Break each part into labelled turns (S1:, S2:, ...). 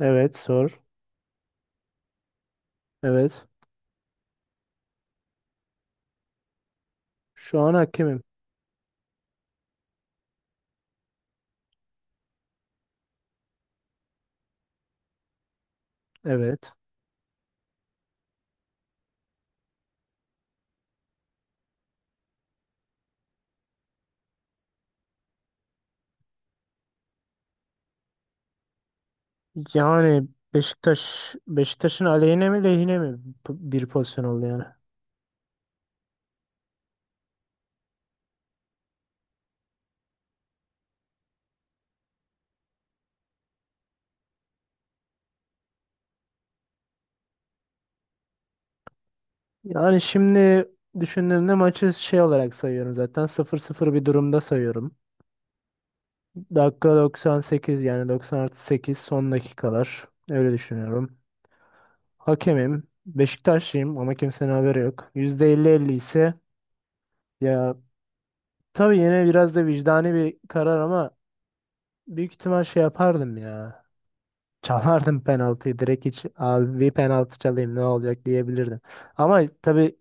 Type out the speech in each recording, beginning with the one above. S1: Evet, sor. Evet. Şu an hakemim. Evet. Yani Beşiktaş'ın aleyhine mi lehine mi bir pozisyon oldu yani. Yani şimdi düşündüğümde maçı şey olarak sayıyorum zaten. Sıfır sıfır bir durumda sayıyorum. Dakika doksan sekiz, yani 90 artı sekiz, son dakikalar. Öyle düşünüyorum. Hakemim. Beşiktaşlıyım ama kimsenin haberi yok. Yüzde elli elli ise ya, tabii yine biraz da vicdani bir karar ama büyük ihtimal şey yapardım ya. Çalardım penaltıyı direkt, hiç abi bir penaltı çalayım ne olacak diyebilirdim. Ama tabii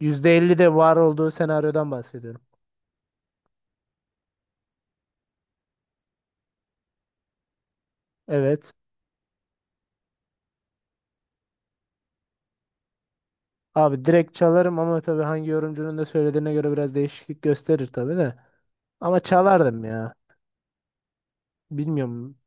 S1: %50 de var olduğu senaryodan bahsediyorum. Evet. Abi direkt çalarım ama tabii hangi yorumcunun da söylediğine göre biraz değişiklik gösterir tabii de. Ama çalardım ya. Bilmiyorum.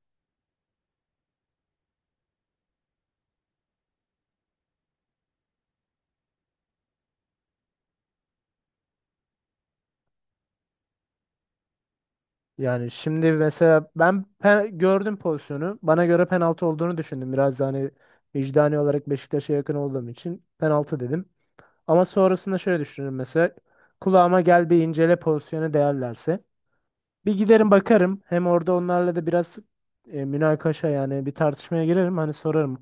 S1: Yani şimdi mesela ben gördüm pozisyonu. Bana göre penaltı olduğunu düşündüm. Biraz da hani vicdani olarak Beşiktaş'a yakın olduğum için penaltı dedim. Ama sonrasında şöyle düşünürüm mesela. Kulağıma gel bir incele pozisyonu değerlerse. Bir giderim bakarım. Hem orada onlarla da biraz münakaşa, yani bir tartışmaya girerim. Hani sorarım.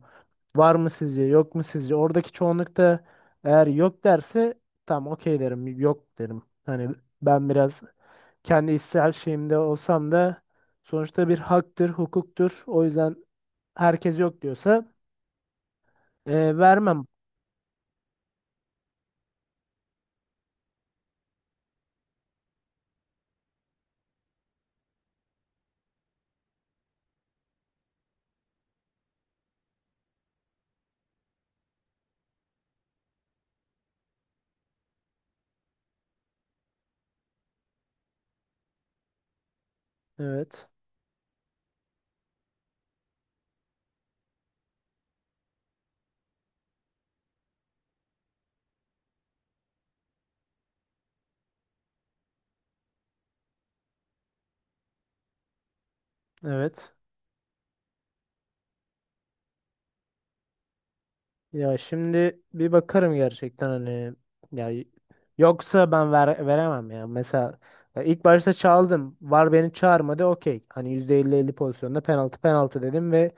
S1: Var mı sizce? Yok mu sizce? Oradaki çoğunlukta eğer yok derse tamam, okey derim. Yok derim. Hani ben biraz kendi içsel şeyimde olsam da sonuçta bir haktır, hukuktur. O yüzden herkes yok diyorsa vermem. Evet. Evet. Ya şimdi bir bakarım gerçekten hani ya y- yoksa ben veremem ya. Mesela ya ilk başta çaldım. VAR beni çağırmadı. Okey. Hani yüzde elli elli pozisyonda penaltı dedim ve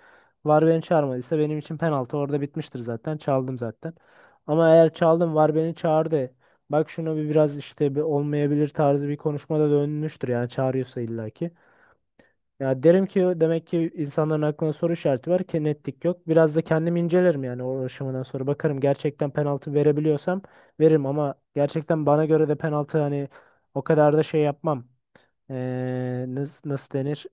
S1: VAR beni çağırmadıysa benim için penaltı orada bitmiştir zaten. Çaldım zaten. Ama eğer çaldım VAR beni çağırdı. Bak şuna bir biraz, işte bir olmayabilir tarzı bir konuşmada dönmüştür yani çağırıyorsa illaki. Ya derim ki demek ki insanların aklına soru işareti var ki netlik yok. Biraz da kendim incelerim yani o aşamadan sonra bakarım gerçekten penaltı verebiliyorsam veririm ama gerçekten bana göre de penaltı, hani o kadar da şey yapmam. Nasıl, nasıl denir?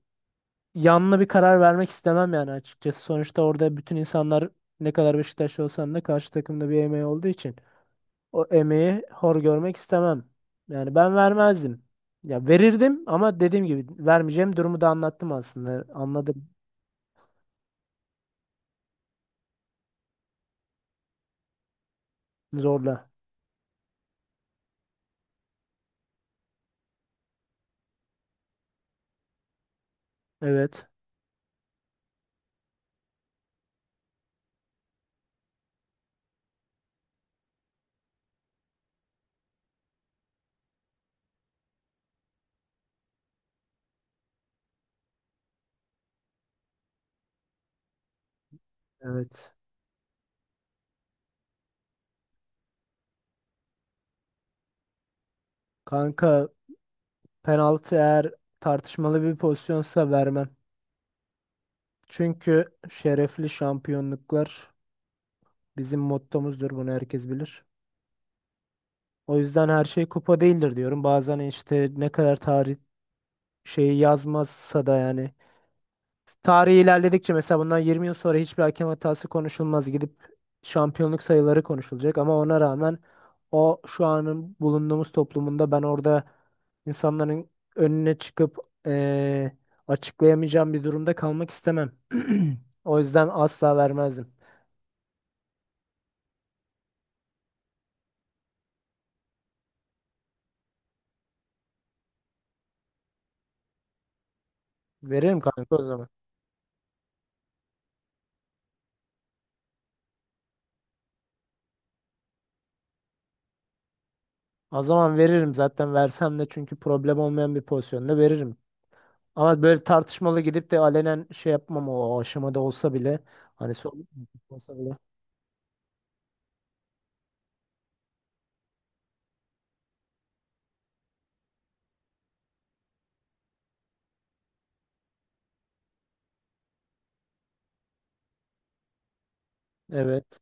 S1: Yanlı bir karar vermek istemem yani açıkçası. Sonuçta orada bütün insanlar ne kadar Beşiktaşlı olsan da karşı takımda bir emeği olduğu için o emeği hor görmek istemem. Yani ben vermezdim. Ya verirdim ama dediğim gibi vermeyeceğim durumu da anlattım aslında. Anladım. Zorla. Evet. Evet. Kanka penaltı eğer tartışmalı bir pozisyonsa vermem. Çünkü şerefli şampiyonluklar bizim mottomuzdur. Bunu herkes bilir. O yüzden her şey kupa değildir diyorum. Bazen işte ne kadar tarih şeyi yazmazsa da yani tarih ilerledikçe, mesela bundan 20 yıl sonra hiçbir hakem hatası konuşulmaz. Gidip şampiyonluk sayıları konuşulacak ama ona rağmen o şu anın bulunduğumuz toplumunda ben orada insanların önüne çıkıp eee, açıklayamayacağım bir durumda kalmak istemem. O yüzden asla vermezdim. Veririm kanka o zaman. O zaman veririm zaten, versem de çünkü problem olmayan bir pozisyonda veririm. Ama böyle tartışmalı gidip de alenen şey yapmam o aşamada olsa bile, hani son olsa bile. Evet.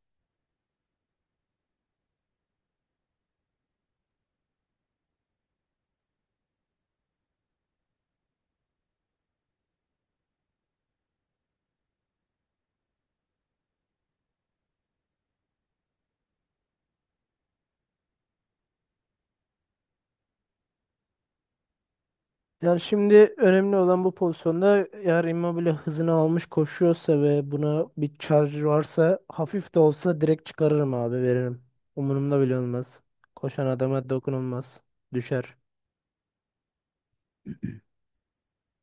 S1: Yani şimdi önemli olan, bu pozisyonda eğer Immobile hızını almış koşuyorsa ve buna bir charge varsa hafif de olsa direkt çıkarırım abi, veririm. Umurumda bile olmaz. Koşan adama dokunulmaz. Düşer.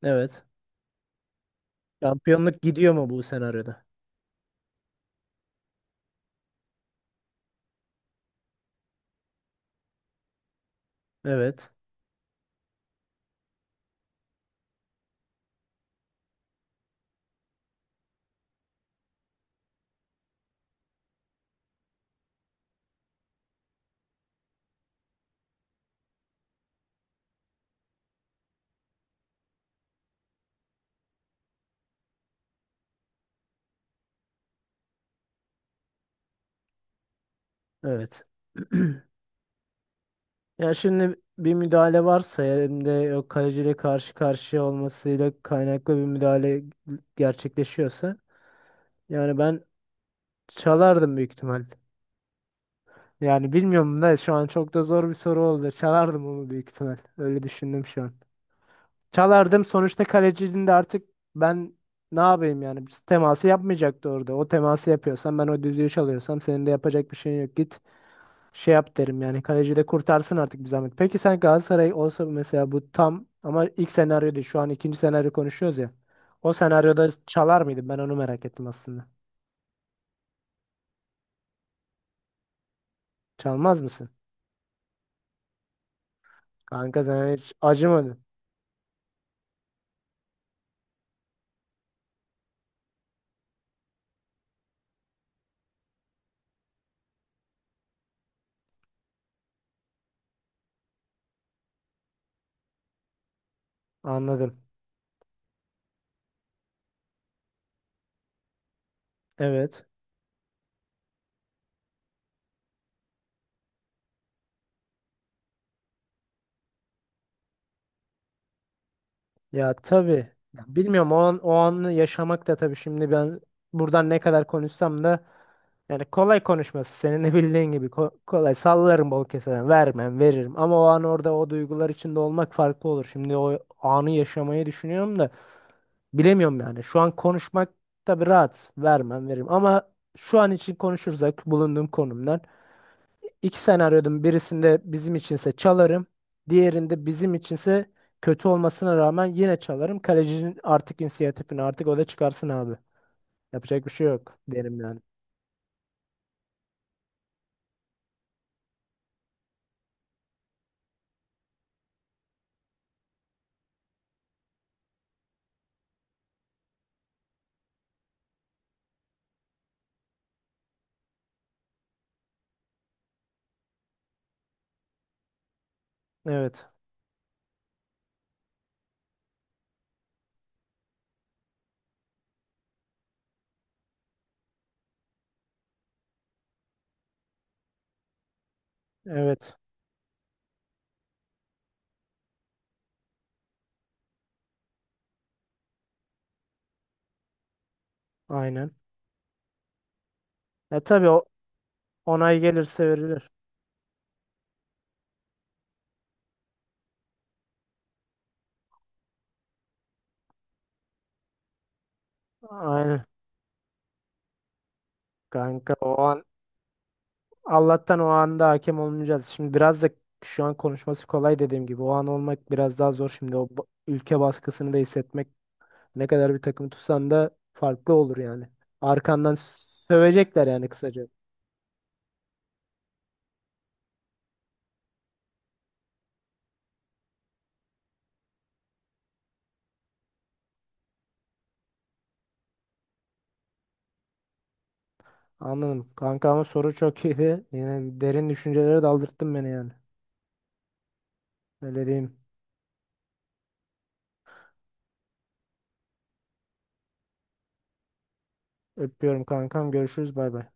S1: Evet. Şampiyonluk gidiyor mu bu senaryoda? Evet. Evet. Ya şimdi bir müdahale varsa hem de o kaleciyle karşı karşıya olmasıyla kaynaklı bir müdahale gerçekleşiyorsa, yani ben çalardım büyük ihtimal. Yani bilmiyorum da şu an çok da zor bir soru oldu. Çalardım onu büyük ihtimal. Öyle düşündüm şu an. Çalardım. Sonuçta kalecinin de artık, ben ne yapayım yani? Biz teması yapmayacaktı orada. O teması yapıyorsam, ben o düdüğü çalıyorsam senin de yapacak bir şeyin yok. Git şey yap derim yani. Kaleci de kurtarsın artık bir zahmet. Peki sen Galatasaray olsa mesela, bu tam ama ilk senaryo değil. Şu an ikinci senaryo konuşuyoruz ya. O senaryoda çalar mıydın? Ben onu merak ettim aslında. Çalmaz mısın? Kanka sen hiç acımadın. Anladım. Evet. Ya tabii. Ya bilmiyorum o an, o anı yaşamak da tabii, şimdi ben buradan ne kadar konuşsam da, yani kolay konuşması senin de bildiğin gibi, kolay sallarım, bol keseden vermem veririm ama o an orada o duygular içinde olmak farklı olur. Şimdi o anı yaşamayı düşünüyorum da bilemiyorum yani şu an konuşmak, tabii rahat vermem veririm ama şu an için konuşursak bulunduğum konumdan, İki senaryodun birisinde bizim içinse çalarım. Diğerinde bizim içinse kötü olmasına rağmen yine çalarım. Kalecinin artık inisiyatifini, artık o da çıkarsın abi. Yapacak bir şey yok derim yani. Evet. Evet. Aynen. E tabii o onay gelirse verilir. Aynen. Kanka o an, Allah'tan o anda hakem olmayacağız. Şimdi biraz da şu an konuşması kolay dediğim gibi. O an olmak biraz daha zor. Şimdi o ülke baskısını da hissetmek, ne kadar bir takım tutsan da farklı olur yani. Arkandan sövecekler yani kısaca. Anladım. Kanka ama soru çok iyiydi. Yine derin düşüncelere daldırttın beni yani. Öyle diyeyim. Öpüyorum kankam. Görüşürüz. Bay bay.